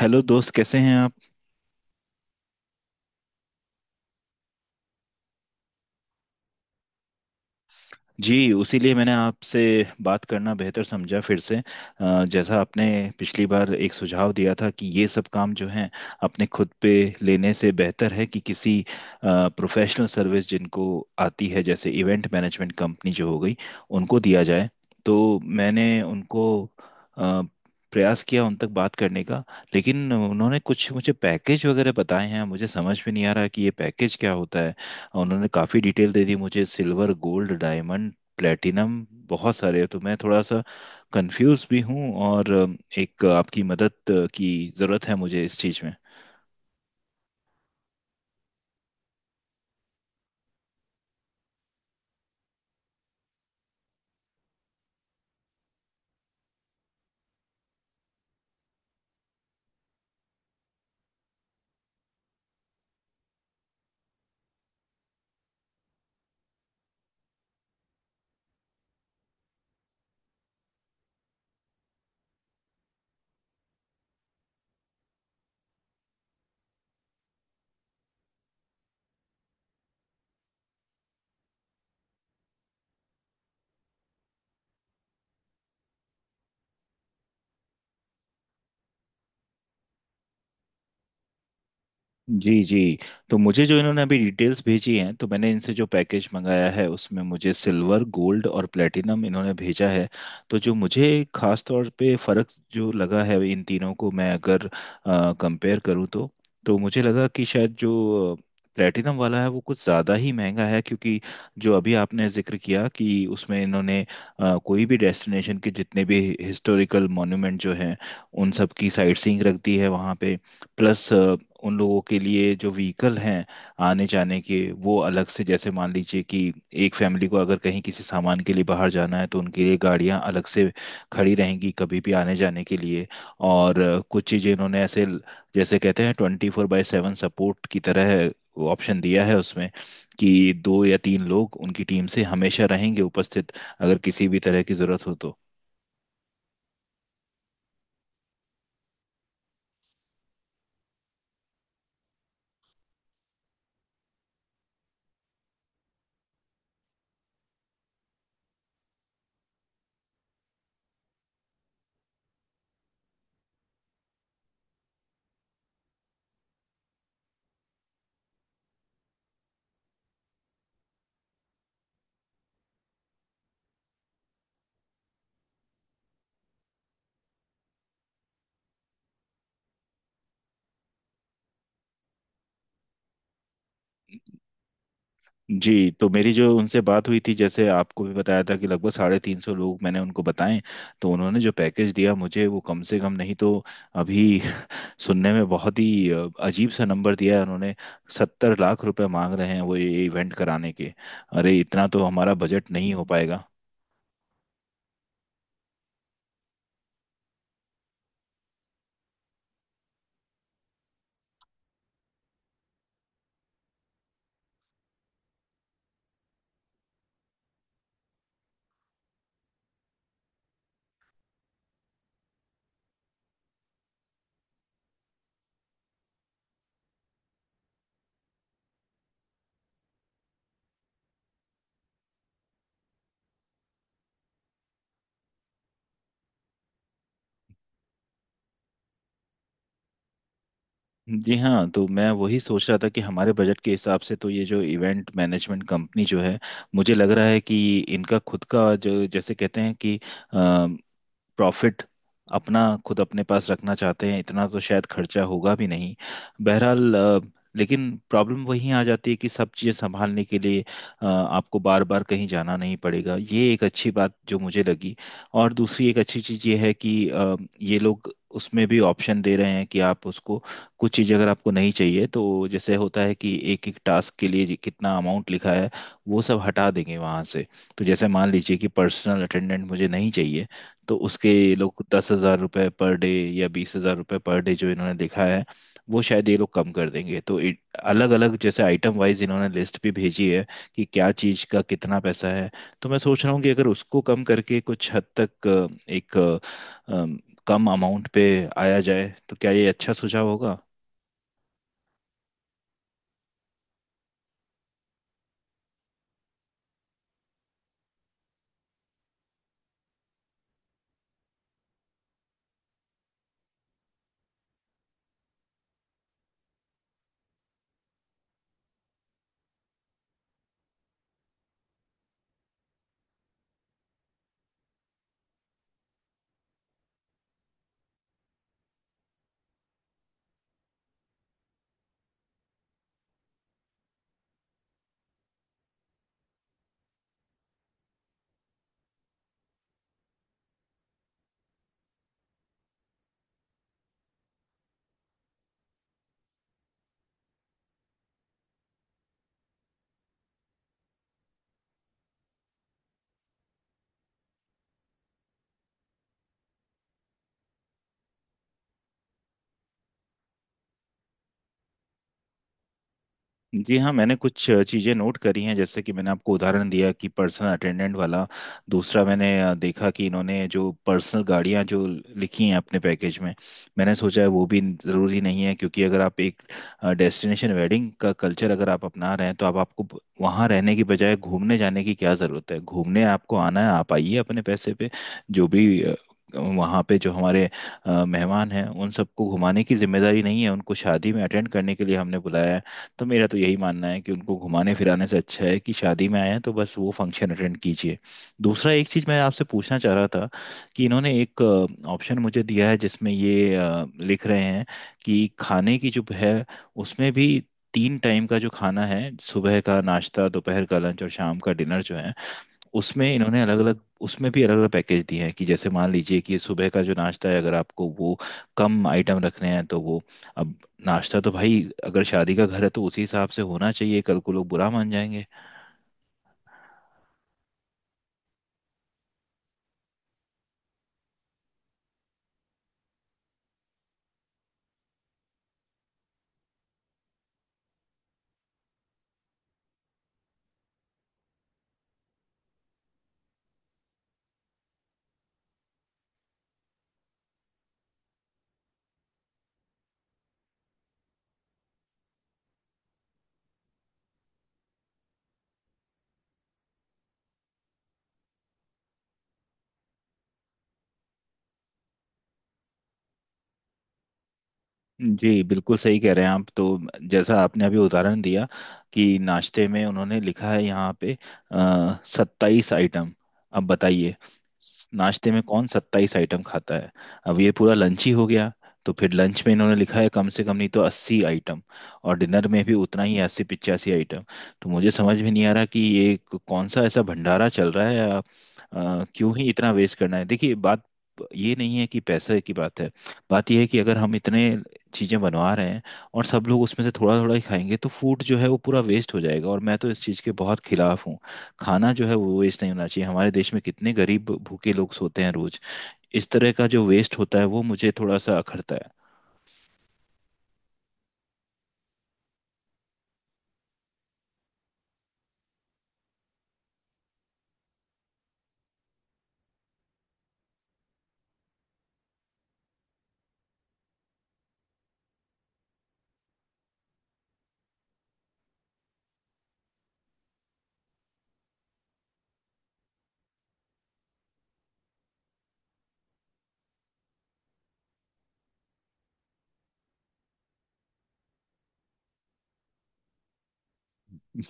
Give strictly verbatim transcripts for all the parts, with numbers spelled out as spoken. Hello दोस्त, कैसे हैं आप। जी, उसी लिए मैंने आपसे बात करना बेहतर समझा फिर से। अ, जैसा आपने पिछली बार एक सुझाव दिया था कि ये सब काम जो हैं अपने खुद पे लेने से बेहतर है कि किसी प्रोफेशनल सर्विस जिनको आती है, जैसे इवेंट मैनेजमेंट कंपनी जो हो गई, उनको दिया जाए। तो मैंने उनको अ, प्रयास किया उन तक बात करने का। लेकिन उन्होंने कुछ मुझे पैकेज वगैरह बताए हैं, मुझे समझ में नहीं आ रहा कि ये पैकेज क्या होता है। और उन्होंने काफ़ी डिटेल दे दी मुझे, सिल्वर गोल्ड डायमंड प्लेटिनम बहुत सारे हैं। तो मैं थोड़ा सा कंफ्यूज भी हूँ, और अ, एक आपकी मदद अ, की ज़रूरत है मुझे इस चीज़ में। जी जी। तो मुझे जो इन्होंने अभी डिटेल्स भेजी हैं, तो मैंने इनसे जो पैकेज मंगाया है उसमें मुझे सिल्वर गोल्ड और प्लेटिनम इन्होंने भेजा है। तो जो मुझे खास तौर पे फ़र्क जो लगा है इन तीनों को मैं अगर कंपेयर करूँ, तो तो मुझे लगा कि शायद जो प्लेटिनम वाला है वो कुछ ज़्यादा ही महंगा है, क्योंकि जो अभी आपने जिक्र किया कि उसमें इन्होंने अ, कोई भी डेस्टिनेशन के जितने भी हिस्टोरिकल मॉन्यूमेंट जो हैं उन सब की साइट सीइंग रख दी है वहाँ पे। प्लस अ, उन लोगों के लिए जो व्हीकल हैं आने जाने के, वो अलग से। जैसे मान लीजिए कि एक फैमिली को अगर कहीं किसी सामान के लिए बाहर जाना है तो उनके लिए गाड़ियां अलग से खड़ी रहेंगी कभी भी आने जाने के लिए। और अ, कुछ चीज़ें इन्होंने ऐसे ल- जैसे कहते हैं, twenty four by seven support की तरह ऑप्शन दिया है उसमें, कि दो या तीन लोग उनकी टीम से हमेशा रहेंगे उपस्थित, अगर किसी भी तरह की ज़रूरत हो तो। जी। तो मेरी जो उनसे बात हुई थी, जैसे आपको भी बताया था कि लगभग साढ़े तीन सौ लोग मैंने उनको बताएं, तो उन्होंने जो पैकेज दिया मुझे, वो कम से कम नहीं तो अभी सुनने में बहुत ही अ, अजीब सा नंबर दिया है उन्होंने। सत्तर लाख रुपए मांग रहे हैं वो ये इवेंट कराने के। अरे, इतना तो हमारा बजट नहीं हो पाएगा। जी हाँ, तो मैं वही सोच रहा था कि हमारे बजट के हिसाब से तो ये जो इवेंट मैनेजमेंट कंपनी जो है, मुझे लग रहा है कि इनका खुद का जो, जैसे कहते हैं कि प्रॉफिट, अपना खुद अपने पास रखना चाहते हैं। इतना तो शायद खर्चा होगा भी नहीं। बहरहाल, अ, लेकिन प्रॉब्लम वहीं आ जाती है कि सब चीज़ें संभालने के लिए अ, आपको बार बार कहीं जाना नहीं पड़ेगा, ये एक अच्छी बात जो मुझे लगी। और दूसरी एक अच्छी चीज़ ये है कि अ, ये लोग उसमें भी ऑप्शन दे रहे हैं कि आप उसको, कुछ चीज़ अगर आपको नहीं चाहिए तो, जैसे होता है कि एक एक टास्क के लिए कितना अमाउंट लिखा है, वो सब हटा देंगे वहाँ से। तो जैसे मान लीजिए कि पर्सनल अटेंडेंट मुझे नहीं चाहिए, तो उसके ये लोग दस हजार रुपये पर डे या बीस हजार रुपये पर डे जो इन्होंने लिखा है, वो शायद ये लोग कम कर देंगे। तो अलग अलग जैसे आइटम वाइज इन्होंने लिस्ट भी भेजी है कि क्या चीज़ का कितना पैसा है। तो मैं सोच रहा हूँ कि अगर उसको कम करके कुछ हद तक अ, एक अ, अम, कम अमाउंट पे आया जाए, तो क्या ये अच्छा सुझाव होगा। जी हाँ, मैंने कुछ अ, चीज़ें नोट करी हैं, जैसे कि मैंने आपको उदाहरण दिया कि पर्सनल अटेंडेंट वाला। दूसरा, मैंने अ, देखा कि इन्होंने जो पर्सनल गाड़ियाँ जो लिखी हैं अपने पैकेज में, मैंने सोचा है वो भी ज़रूरी नहीं है। क्योंकि अगर आप एक डेस्टिनेशन वेडिंग का कल्चर अगर आप अपना रहे हैं तो आप, आपको ब- वहाँ रहने की बजाय घूमने जाने की क्या ज़रूरत है। घूमने आपको आना है, आप आइए अपने पैसे पे। जो भी अ, वहाँ पे जो हमारे अ, मेहमान हैं, उन सबको घुमाने की जिम्मेदारी नहीं है। उनको शादी में अटेंड करने के लिए हमने बुलाया है। तो मेरा तो यही मानना है कि उनको घुमाने फिराने से अच्छा है कि शादी में आए हैं तो बस वो फंक्शन अटेंड कीजिए। दूसरा एक चीज़ मैं आपसे पूछना चाह रहा था, कि इन्होंने एक ऑप्शन मुझे दिया है जिसमें ये अ, लिख रहे हैं कि खाने की जो है उसमें भी, तीन टाइम का जो खाना है, सुबह का नाश्ता, दोपहर का लंच और शाम का डिनर जो है, उसमें इन्होंने अलग अलग, उसमें भी अलग अलग पैकेज दिए हैं, कि जैसे मान लीजिए कि सुबह का जो नाश्ता है, अगर आपको वो कम आइटम रखने हैं तो वो। अब, नाश्ता तो भाई, अगर शादी का घर है तो उसी हिसाब से होना चाहिए, कल को लोग बुरा मान जाएंगे। जी बिल्कुल सही कह रहे हैं आप। तो जैसा आपने अभी उदाहरण दिया कि नाश्ते में उन्होंने लिखा है यहाँ पे सत्ताईस आइटम। अब बताइए, नाश्ते में कौन सत्ताईस आइटम खाता है। अब ये पूरा लंच ही हो गया। तो फिर लंच में इन्होंने लिखा है कम से कम नहीं तो अस्सी आइटम। और डिनर में भी उतना ही, अस्सी पिचासी आइटम। तो मुझे समझ में नहीं आ रहा कि ये कौन सा ऐसा भंडारा चल रहा है, या अ, क्यों ही इतना वेस्ट करना है। देखिए, बात ये नहीं है कि पैसे की बात है। बात यह है कि अगर हम इतने चीज़ें बनवा रहे हैं, और सब लोग उसमें से थोड़ा थोड़ा ही खाएंगे, तो फूड जो है वो पूरा वेस्ट हो जाएगा, और मैं तो इस चीज़ के बहुत खिलाफ हूँ। खाना जो है वो वेस्ट नहीं होना चाहिए। हमारे देश में कितने गरीब भूखे लोग सोते हैं रोज। इस तरह का जो वेस्ट होता है वो मुझे थोड़ा सा अखरता है।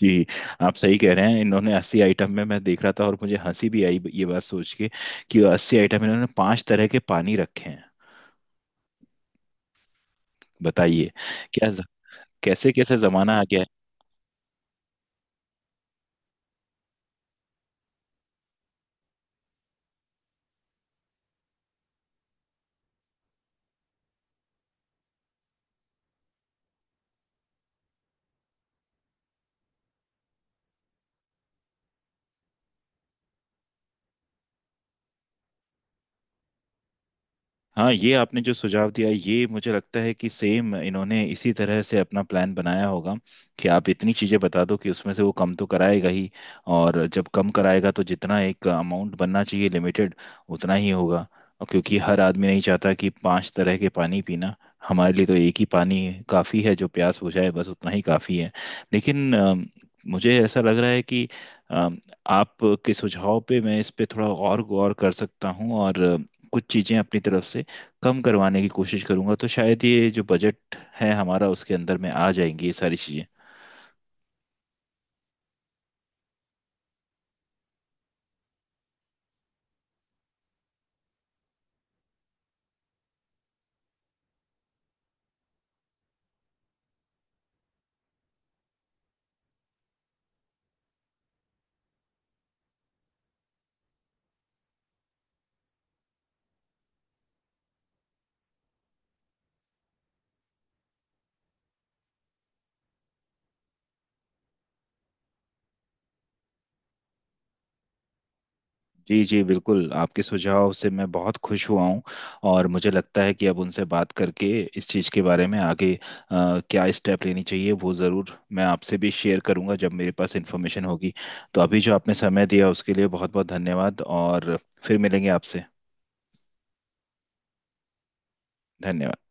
जी, आप सही कह रहे हैं। इन्होंने अस्सी आइटम में, मैं देख रहा था और मुझे हंसी भी आई ये बात सोच के, कि अस्सी आइटम इन्होंने पांच तरह के पानी रखे हैं। बताइए, क्या। कैसे कैसे जमाना आ गया है। हाँ, ये आपने जो सुझाव दिया, ये मुझे लगता है कि सेम इन्होंने इसी तरह से अपना प्लान बनाया होगा, कि आप इतनी चीज़ें बता दो कि उसमें से वो कम तो कराएगा ही। और जब कम कराएगा, तो जितना एक अमाउंट बनना चाहिए लिमिटेड, उतना ही होगा। और क्योंकि हर आदमी नहीं चाहता कि पांच तरह के पानी पीना। हमारे लिए तो एक ही पानी काफ़ी है, जो प्यास बुझाए, बस उतना ही काफ़ी है। लेकिन अम, मुझे ऐसा लग रहा है कि अम, आप के सुझाव पे मैं इस पे थोड़ा और गौर कर सकता हूँ, और अ, कुछ चीज़ें अपनी तरफ से कम करवाने की कोशिश करूंगा, तो शायद ये जो बजट है हमारा, उसके अंदर में आ जाएंगी ये सारी चीज़ें। जी जी बिल्कुल, आपके सुझाव से मैं बहुत खुश हुआ हूँ। और मुझे लगता है कि अब उनसे बात करके इस चीज़ के बारे में आगे अ, क्या स्टेप लेनी चाहिए, वो ज़रूर मैं आपसे भी शेयर करूंगा जब मेरे पास इन्फॉर्मेशन होगी। तो अभी जो आपने समय दिया उसके लिए बहुत बहुत धन्यवाद। और फिर मिलेंगे आपसे। धन्यवाद।